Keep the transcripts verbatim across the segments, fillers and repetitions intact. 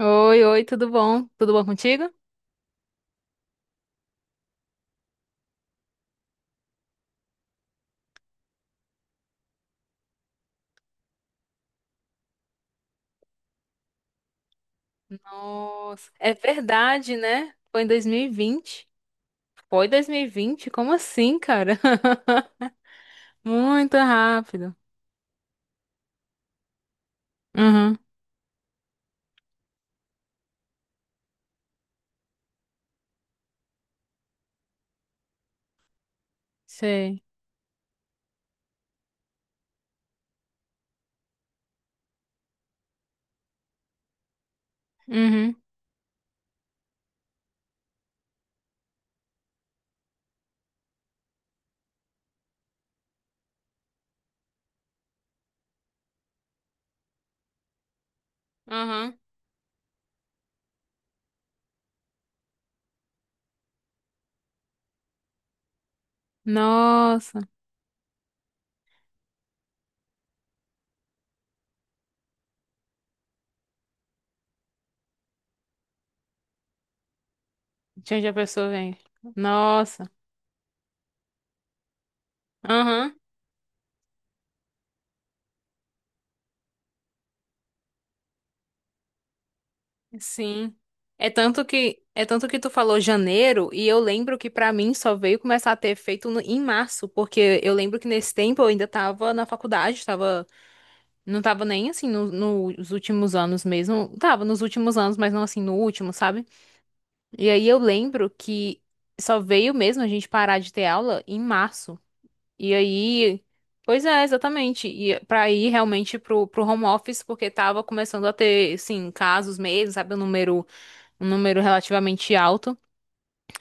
Oi, oi, tudo bom? Tudo bom contigo? Nossa, é verdade, né? Foi em dois mil e vinte. Foi dois mil e vinte? Como assim, cara? Muito rápido. Uhum, sei. Uhum, uhum. Nossa, de onde a pessoa vem? Nossa, uhum, sim. É tanto que, é tanto que tu falou janeiro e eu lembro que pra mim só veio começar a ter efeito no- em março, porque eu lembro que nesse tempo eu ainda tava na faculdade, tava. Não tava nem assim no- Nos últimos anos mesmo. Tava nos últimos anos, mas não assim no último, sabe? E aí eu lembro que só veio mesmo a gente parar de ter aula em março. E aí. Pois é, exatamente. E pra ir realmente pro, pro home office, porque tava começando a ter, assim, casos mesmo, sabe? Um número, um número relativamente alto.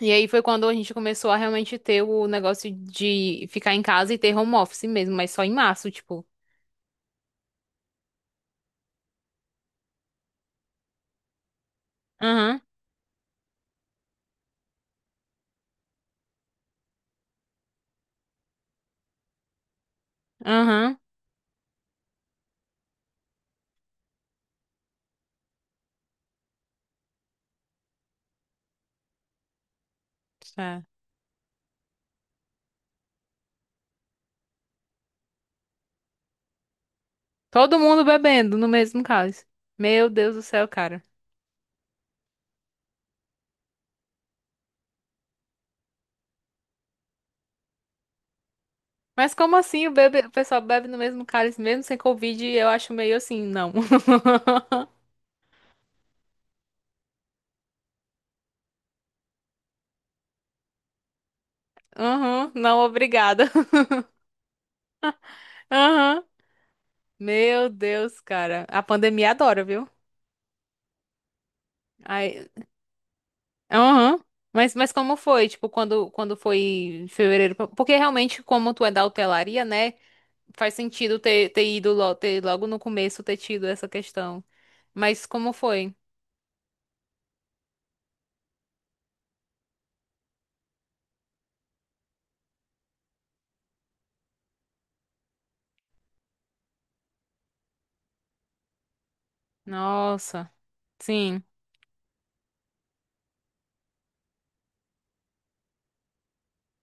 E aí foi quando a gente começou a realmente ter o negócio de ficar em casa e ter home office mesmo, mas só em março, tipo. Aham, aham. Todo mundo bebendo no mesmo cálice. Meu Deus do céu, cara. Mas como assim o, bebe- o pessoal bebe no mesmo cálice, mesmo sem Covid? Eu acho meio assim, não. Uhum, não, obrigada. Uhum. Meu Deus, cara. A pandemia adora, viu? Aí, uhum. Mas, mas como foi? Tipo, quando, quando foi em fevereiro? Porque realmente, como tu é da hotelaria, né? Faz sentido ter, ter ido logo, ter, logo no começo ter tido essa questão. Mas como foi? Nossa, sim.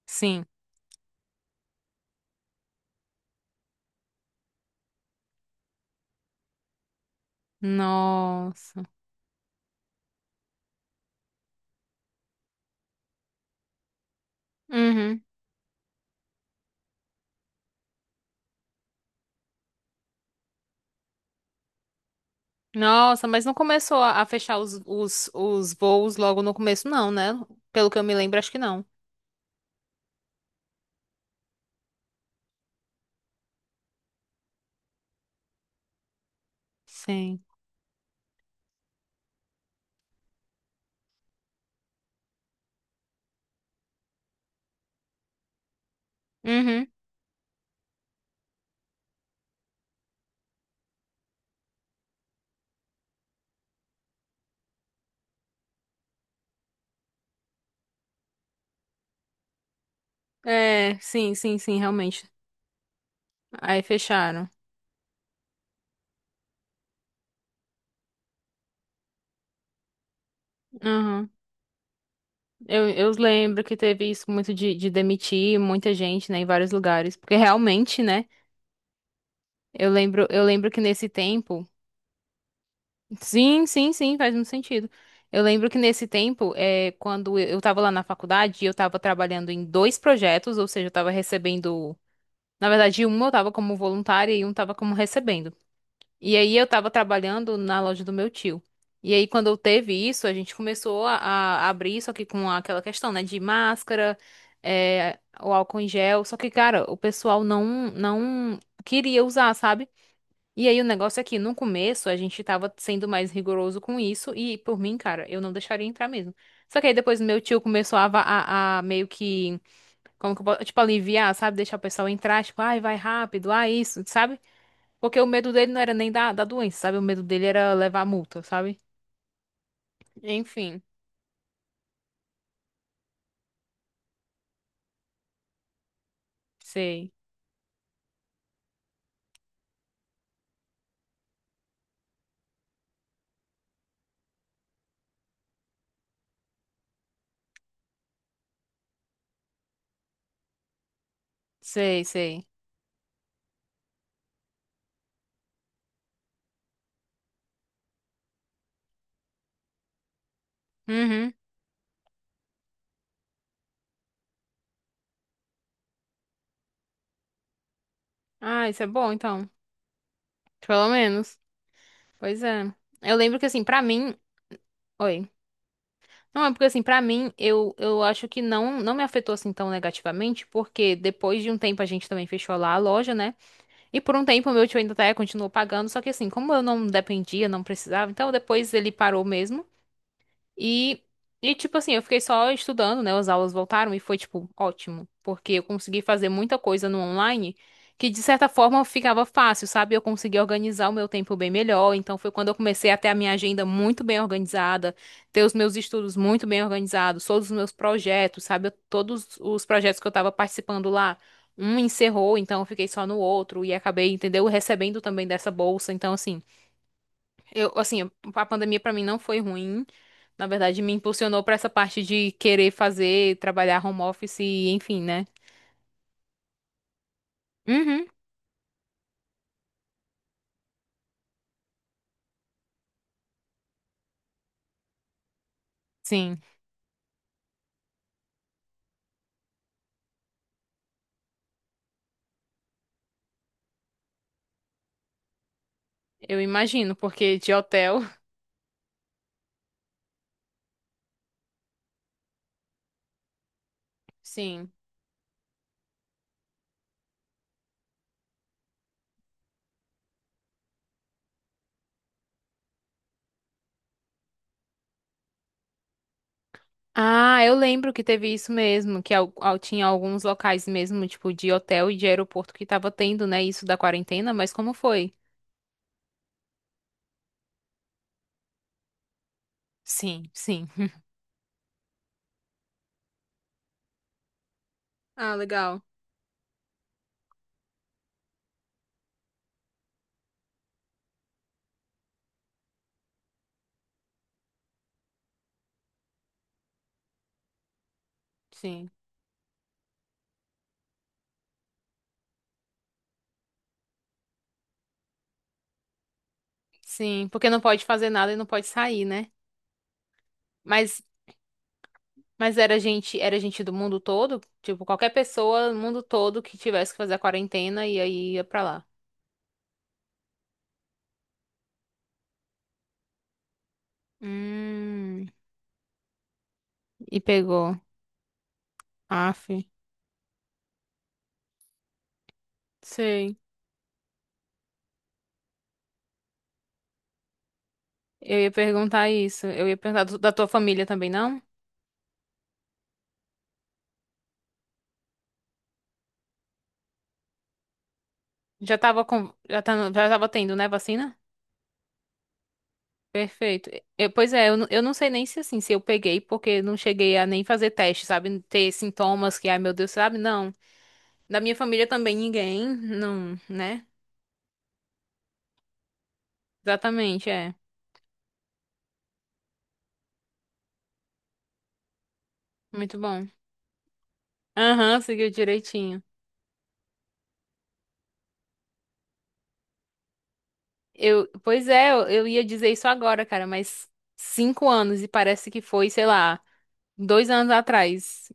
Sim. Nossa. Uhum. Nossa, mas não começou a a fechar os, os, os voos logo no começo, não, né? Pelo que eu me lembro, acho que não. Sim. Uhum. É, sim, sim, sim, realmente. Aí fecharam. Uhum. Eu, eu lembro que teve isso muito de, de demitir muita gente, né, em vários lugares. Porque realmente, né? Eu lembro, eu lembro que nesse tempo. Sim, sim, sim, faz muito sentido. Eu lembro que nesse tempo, é, quando eu estava lá na faculdade, eu estava trabalhando em dois projetos, ou seja, eu estava recebendo. Na verdade, um eu estava como voluntária e um estava como recebendo. E aí eu estava trabalhando na loja do meu tio. E aí, quando eu teve isso, a gente começou a, a abrir, só que com aquela questão, né, de máscara, é, o álcool em gel. Só que, cara, o pessoal não, não queria usar, sabe? E aí o negócio é que no começo a gente tava sendo mais rigoroso com isso e por mim, cara, eu não deixaria entrar mesmo. Só que aí depois meu tio começou a, va- a, a meio que, como que eu posso, tipo, aliviar, sabe? Deixar o pessoal entrar, tipo, ai, vai rápido, ah, isso, sabe? Porque o medo dele não era nem da, da doença, sabe? O medo dele era levar multa, sabe? Enfim, sei, sei, sei. Uhum. Ah, isso é bom então. Pelo menos. Pois é. Eu lembro que assim, pra mim. Oi. Não, é porque assim, pra mim, eu, eu acho que não, não me afetou assim tão negativamente, porque depois de um tempo a gente também fechou lá a loja, né? E por um tempo o meu tio ainda até continuou pagando, só que assim, como eu não dependia, não precisava, então depois ele parou mesmo. E, e, tipo assim, eu fiquei só estudando, né? As aulas voltaram e foi, tipo, ótimo. Porque eu consegui fazer muita coisa no online que, de certa forma, ficava fácil, sabe? Eu consegui organizar o meu tempo bem melhor. Então, foi quando eu comecei a ter a minha agenda muito bem organizada, ter os meus estudos muito bem organizados, todos os meus projetos, sabe? Eu- Todos os projetos que eu tava participando lá. Um encerrou, então eu fiquei só no outro e acabei, entendeu? Recebendo também dessa bolsa. Então, assim. Eu, assim, a pandemia pra mim não foi ruim. Na verdade, me impulsionou pra essa parte de querer fazer, trabalhar home office e enfim, né? Uhum. Sim, eu imagino, porque de hotel, sim. Ah, eu lembro que teve isso mesmo, que al- al- tinha alguns locais mesmo, tipo de hotel e de aeroporto que tava tendo, né, isso da quarentena, mas como foi? Sim, sim. Ah, legal. Sim. Sim, porque não pode fazer nada e não pode sair, né? Mas Mas era gente, era gente do mundo todo? Tipo, qualquer pessoa do mundo todo que tivesse que fazer a quarentena e aí ia pra lá. Hum, e pegou. Aff, sei. Eu ia perguntar isso. Eu ia perguntar do- da tua família também, não? Já tava com, já tá, no- já tava tendo, né, vacina? Perfeito. Eu- pois é, eu, não- eu não sei nem se assim, se eu peguei, porque não cheguei a nem fazer teste, sabe? Ter sintomas que, ai meu Deus, sabe? Não. Da minha família também ninguém, não, né? Exatamente, é. Muito bom. Aham, seguiu direitinho. Eu, pois é, eu, eu ia dizer isso agora, cara, mas cinco anos e parece que foi, sei lá, dois anos atrás.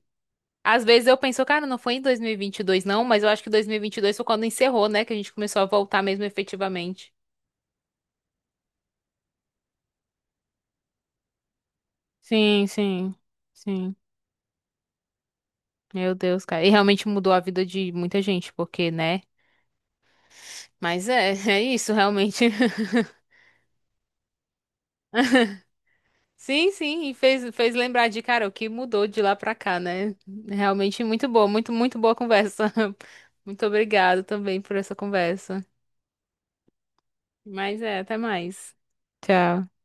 Às vezes eu penso, cara, não foi em dois mil e e vinte e dois, não, mas eu acho que dois mil e e vinte e dois foi quando encerrou, né, que a gente começou a voltar mesmo efetivamente. Sim, sim, sim. Meu Deus, cara. E realmente mudou a vida de muita gente, porque, né? Mas é, é isso, realmente. Sim, sim, e fez, fez lembrar de, cara, o que mudou de lá pra cá, né? Realmente muito boa, muito, muito boa conversa. Muito obrigado também por essa conversa. Mas é, até mais. Tchau.